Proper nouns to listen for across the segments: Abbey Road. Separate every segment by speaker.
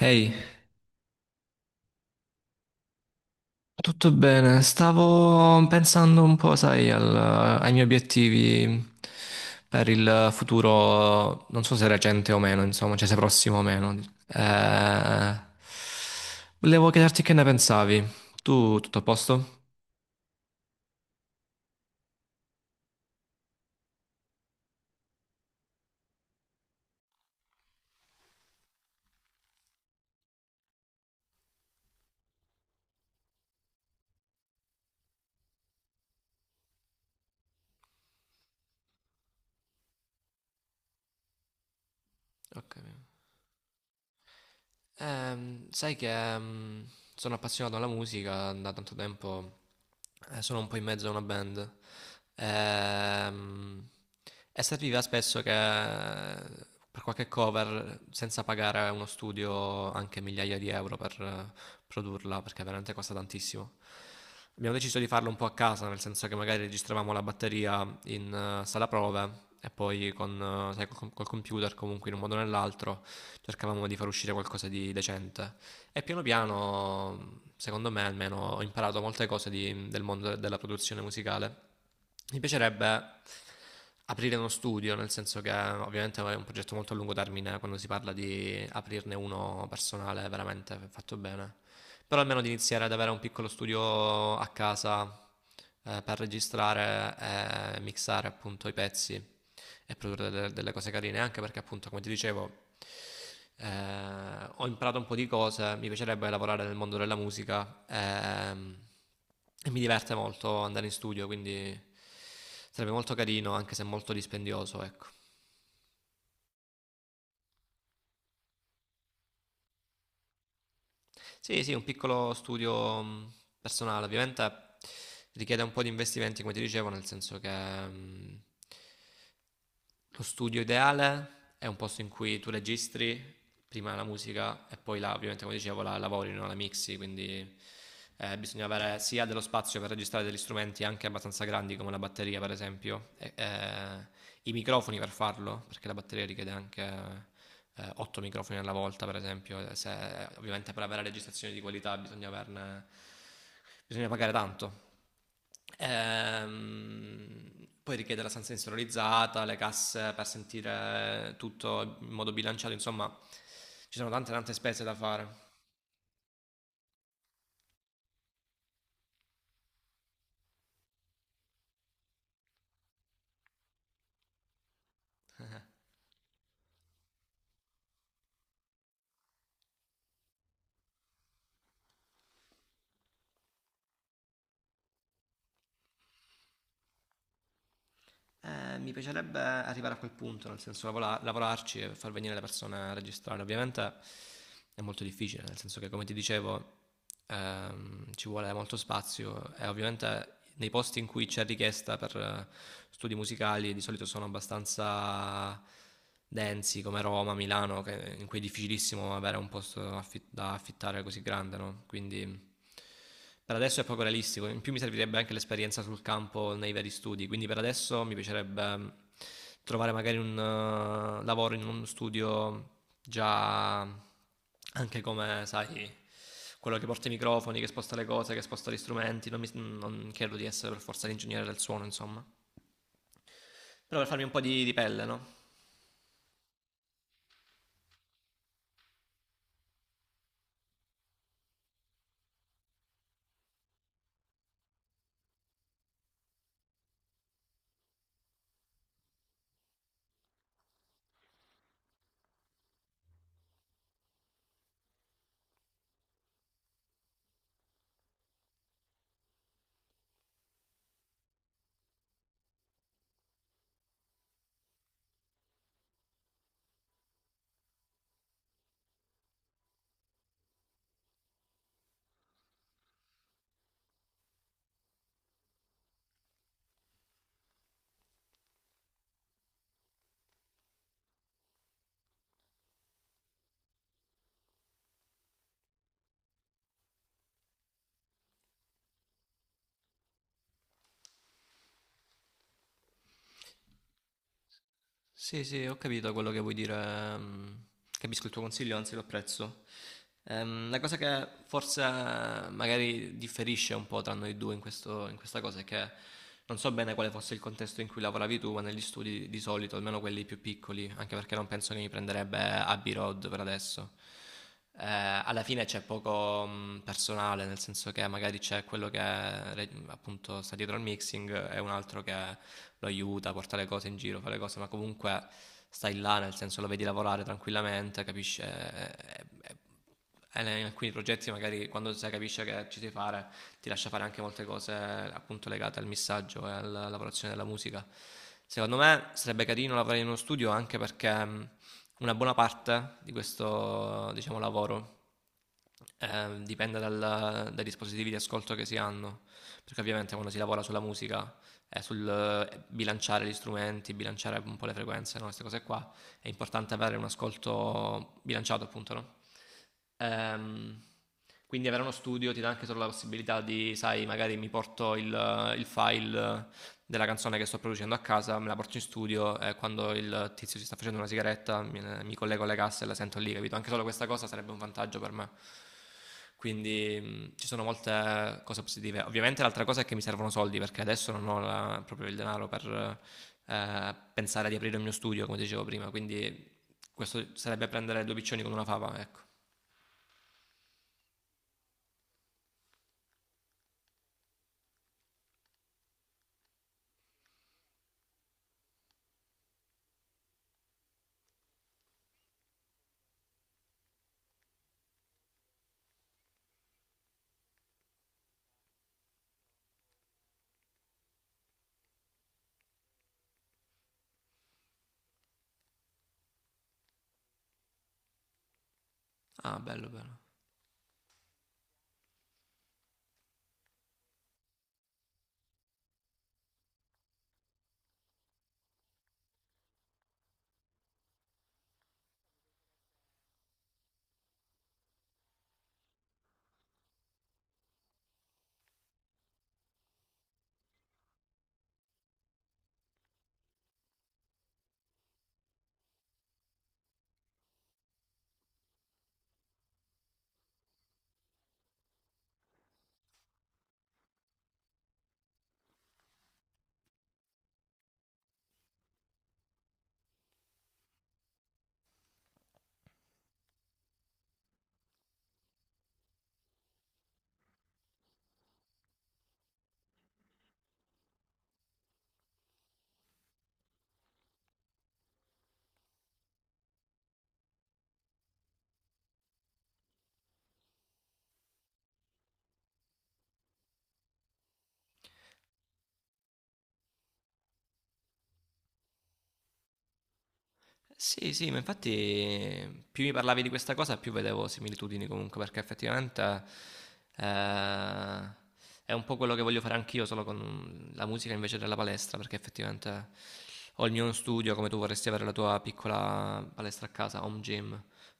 Speaker 1: Ehi, tutto bene? Stavo pensando un po', sai, ai miei obiettivi per il futuro, non so se recente o meno, insomma, cioè se prossimo o meno. Eh, volevo chiederti che ne pensavi. Tu, tutto a posto? Ok. Sai che sono appassionato alla musica da tanto tempo, sono un po' in mezzo a una band. Ehm, e serviva spesso che per qualche cover, senza pagare uno studio anche migliaia di euro per produrla, perché veramente costa tantissimo. Abbiamo deciso di farlo un po' a casa, nel senso che magari registravamo la batteria in sala prove e poi sai, col computer comunque in un modo o nell'altro cercavamo di far uscire qualcosa di decente. E piano piano, secondo me almeno, ho imparato molte cose del mondo della produzione musicale. Mi piacerebbe aprire uno studio, nel senso che ovviamente è un progetto molto a lungo termine quando si parla di aprirne uno personale veramente fatto bene. Però almeno di iniziare ad avere un piccolo studio a casa per registrare e mixare appunto i pezzi e produrre delle, delle cose carine, anche perché appunto, come ti dicevo, ho imparato un po' di cose, mi piacerebbe lavorare nel mondo della musica e mi diverte molto andare in studio, quindi sarebbe molto carino, anche se molto dispendioso, ecco. Sì, sì, un piccolo studio personale, ovviamente richiede un po' di investimenti, come ti dicevo, nel senso che lo studio ideale è un posto in cui tu registri prima la musica e poi la, ovviamente come dicevo la lavori, no? La mixi, quindi bisogna avere sia dello spazio per registrare degli strumenti anche abbastanza grandi come la batteria per esempio, i microfoni per farlo, perché la batteria richiede anche 8 microfoni alla volta, per esempio, se, ovviamente per avere registrazioni di qualità bisogna pagare tanto. Poi richiede la stanza insonorizzata, le casse per sentire tutto in modo bilanciato, insomma ci sono tante tante spese da fare. Mi piacerebbe arrivare a quel punto, nel senso lavorarci e far venire le persone a registrare. Ovviamente è molto difficile, nel senso che come ti dicevo ci vuole molto spazio e ovviamente nei posti in cui c'è richiesta per studi musicali di solito sono abbastanza densi come Roma, Milano, in cui è difficilissimo avere un posto da affittare così grande, no? Quindi per adesso è poco realistico, in più mi servirebbe anche l'esperienza sul campo nei veri studi, quindi per adesso mi piacerebbe trovare magari un lavoro in uno studio già anche come, sai, quello che porta i microfoni, che sposta le cose, che sposta gli strumenti, non credo di essere per forza l'ingegnere del suono, insomma. Però per farmi un po' di pelle, no? Sì, sì, ho capito quello che vuoi dire. Capisco il tuo consiglio, anzi lo apprezzo. La cosa che forse magari differisce un po' tra noi due in questa cosa è che non so bene quale fosse il contesto in cui lavoravi tu, ma negli studi di solito, almeno quelli più piccoli, anche perché non penso che mi prenderebbe Abbey Road per adesso. eh, Alla fine c'è poco personale, nel senso che magari c'è quello che appunto sta dietro al mixing e un altro che lo aiuta a portare le cose in giro, fa le cose, ma comunque stai là, nel senso lo vedi lavorare tranquillamente, capisci? In alcuni progetti magari quando si capisce che ci si fare ti lascia fare anche molte cose appunto legate al missaggio e alla lavorazione della musica. Secondo me sarebbe carino lavorare in uno studio anche perché una buona parte di questo diciamo, lavoro dipende dai dispositivi di ascolto che si hanno, perché ovviamente quando si lavora sulla musica è sul bilanciare gli strumenti, bilanciare un po' le frequenze, no? Queste cose qua, è importante avere un ascolto bilanciato, appunto, no? Ehm, quindi avere uno studio ti dà anche solo la possibilità di, sai, magari mi porto il file della canzone che sto producendo a casa, me la porto in studio e quando il tizio si sta facendo una sigaretta mi collego alle casse e la sento lì, capito? Anche solo questa cosa sarebbe un vantaggio per me. Quindi ci sono molte cose positive. Ovviamente l'altra cosa è che mi servono soldi perché adesso non ho la- proprio il denaro per pensare di aprire il mio studio, come dicevo prima, quindi questo sarebbe prendere due piccioni con una fava, ecco. Ah, bello, bello. Sì, sì, ma infatti più mi parlavi di questa cosa, più vedevo similitudini comunque, perché effettivamente eh, è un po' quello che voglio fare anch'io, solo con la musica invece della palestra, perché effettivamente ho il mio studio, come tu vorresti avere la tua piccola palestra a casa, home gym,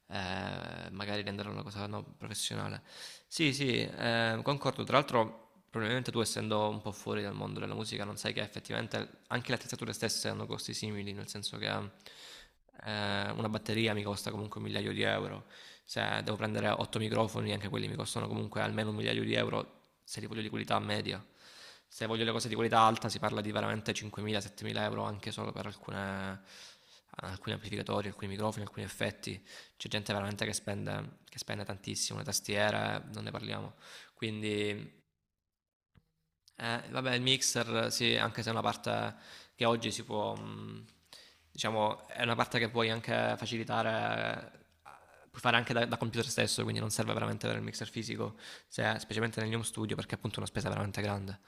Speaker 1: magari renderla una cosa no, professionale. Sì, sì, concordo, tra l'altro, probabilmente tu, essendo un po' fuori dal mondo della musica, non sai che effettivamente anche le attrezzature stesse hanno costi simili, nel senso che una batteria mi costa comunque un migliaio di euro. Se devo prendere 8 microfoni, anche quelli mi costano comunque almeno un migliaio di euro se li voglio di qualità media. Se voglio le cose di qualità alta, si parla di veramente 5.000-7.000 euro anche solo per alcune, alcuni amplificatori, alcuni microfoni, alcuni effetti. C'è gente veramente che spende tantissimo. Le tastiere, non ne parliamo. Quindi vabbè, il mixer, sì, anche se è una parte che oggi si può, diciamo, è una parte che puoi anche facilitare, puoi fare anche da computer stesso, quindi non serve veramente avere il mixer fisico, specialmente negli home studio, perché appunto è una spesa veramente grande.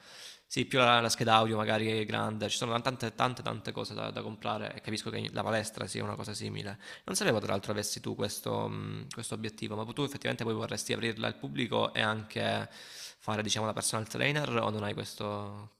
Speaker 1: Sì, più la scheda audio magari è grande, ci sono tante, tante, tante cose da comprare e capisco che la palestra sia una cosa simile, non sapevo tra l'altro avessi tu questo, questo obiettivo, ma tu effettivamente poi vorresti aprirla al pubblico e anche fare, diciamo, la personal trainer o non hai questo...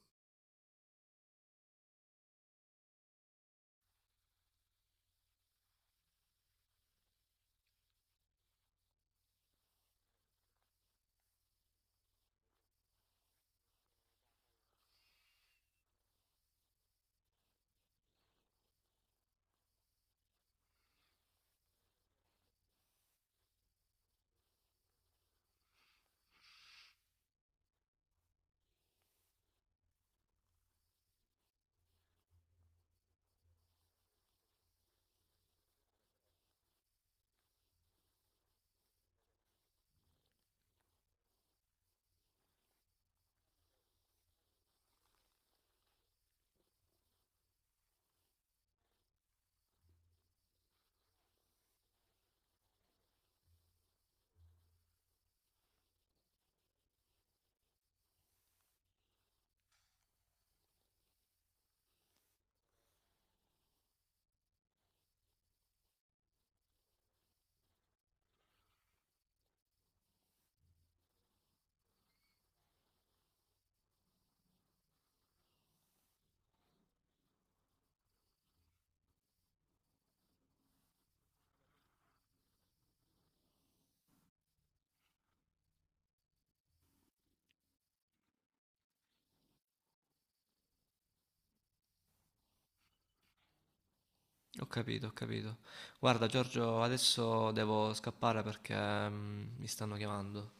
Speaker 1: Ho capito, ho capito. Guarda, Giorgio, adesso devo scappare perché mi stanno chiamando,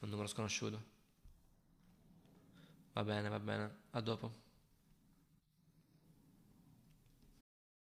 Speaker 1: un numero sconosciuto. Va bene, va bene. A dopo.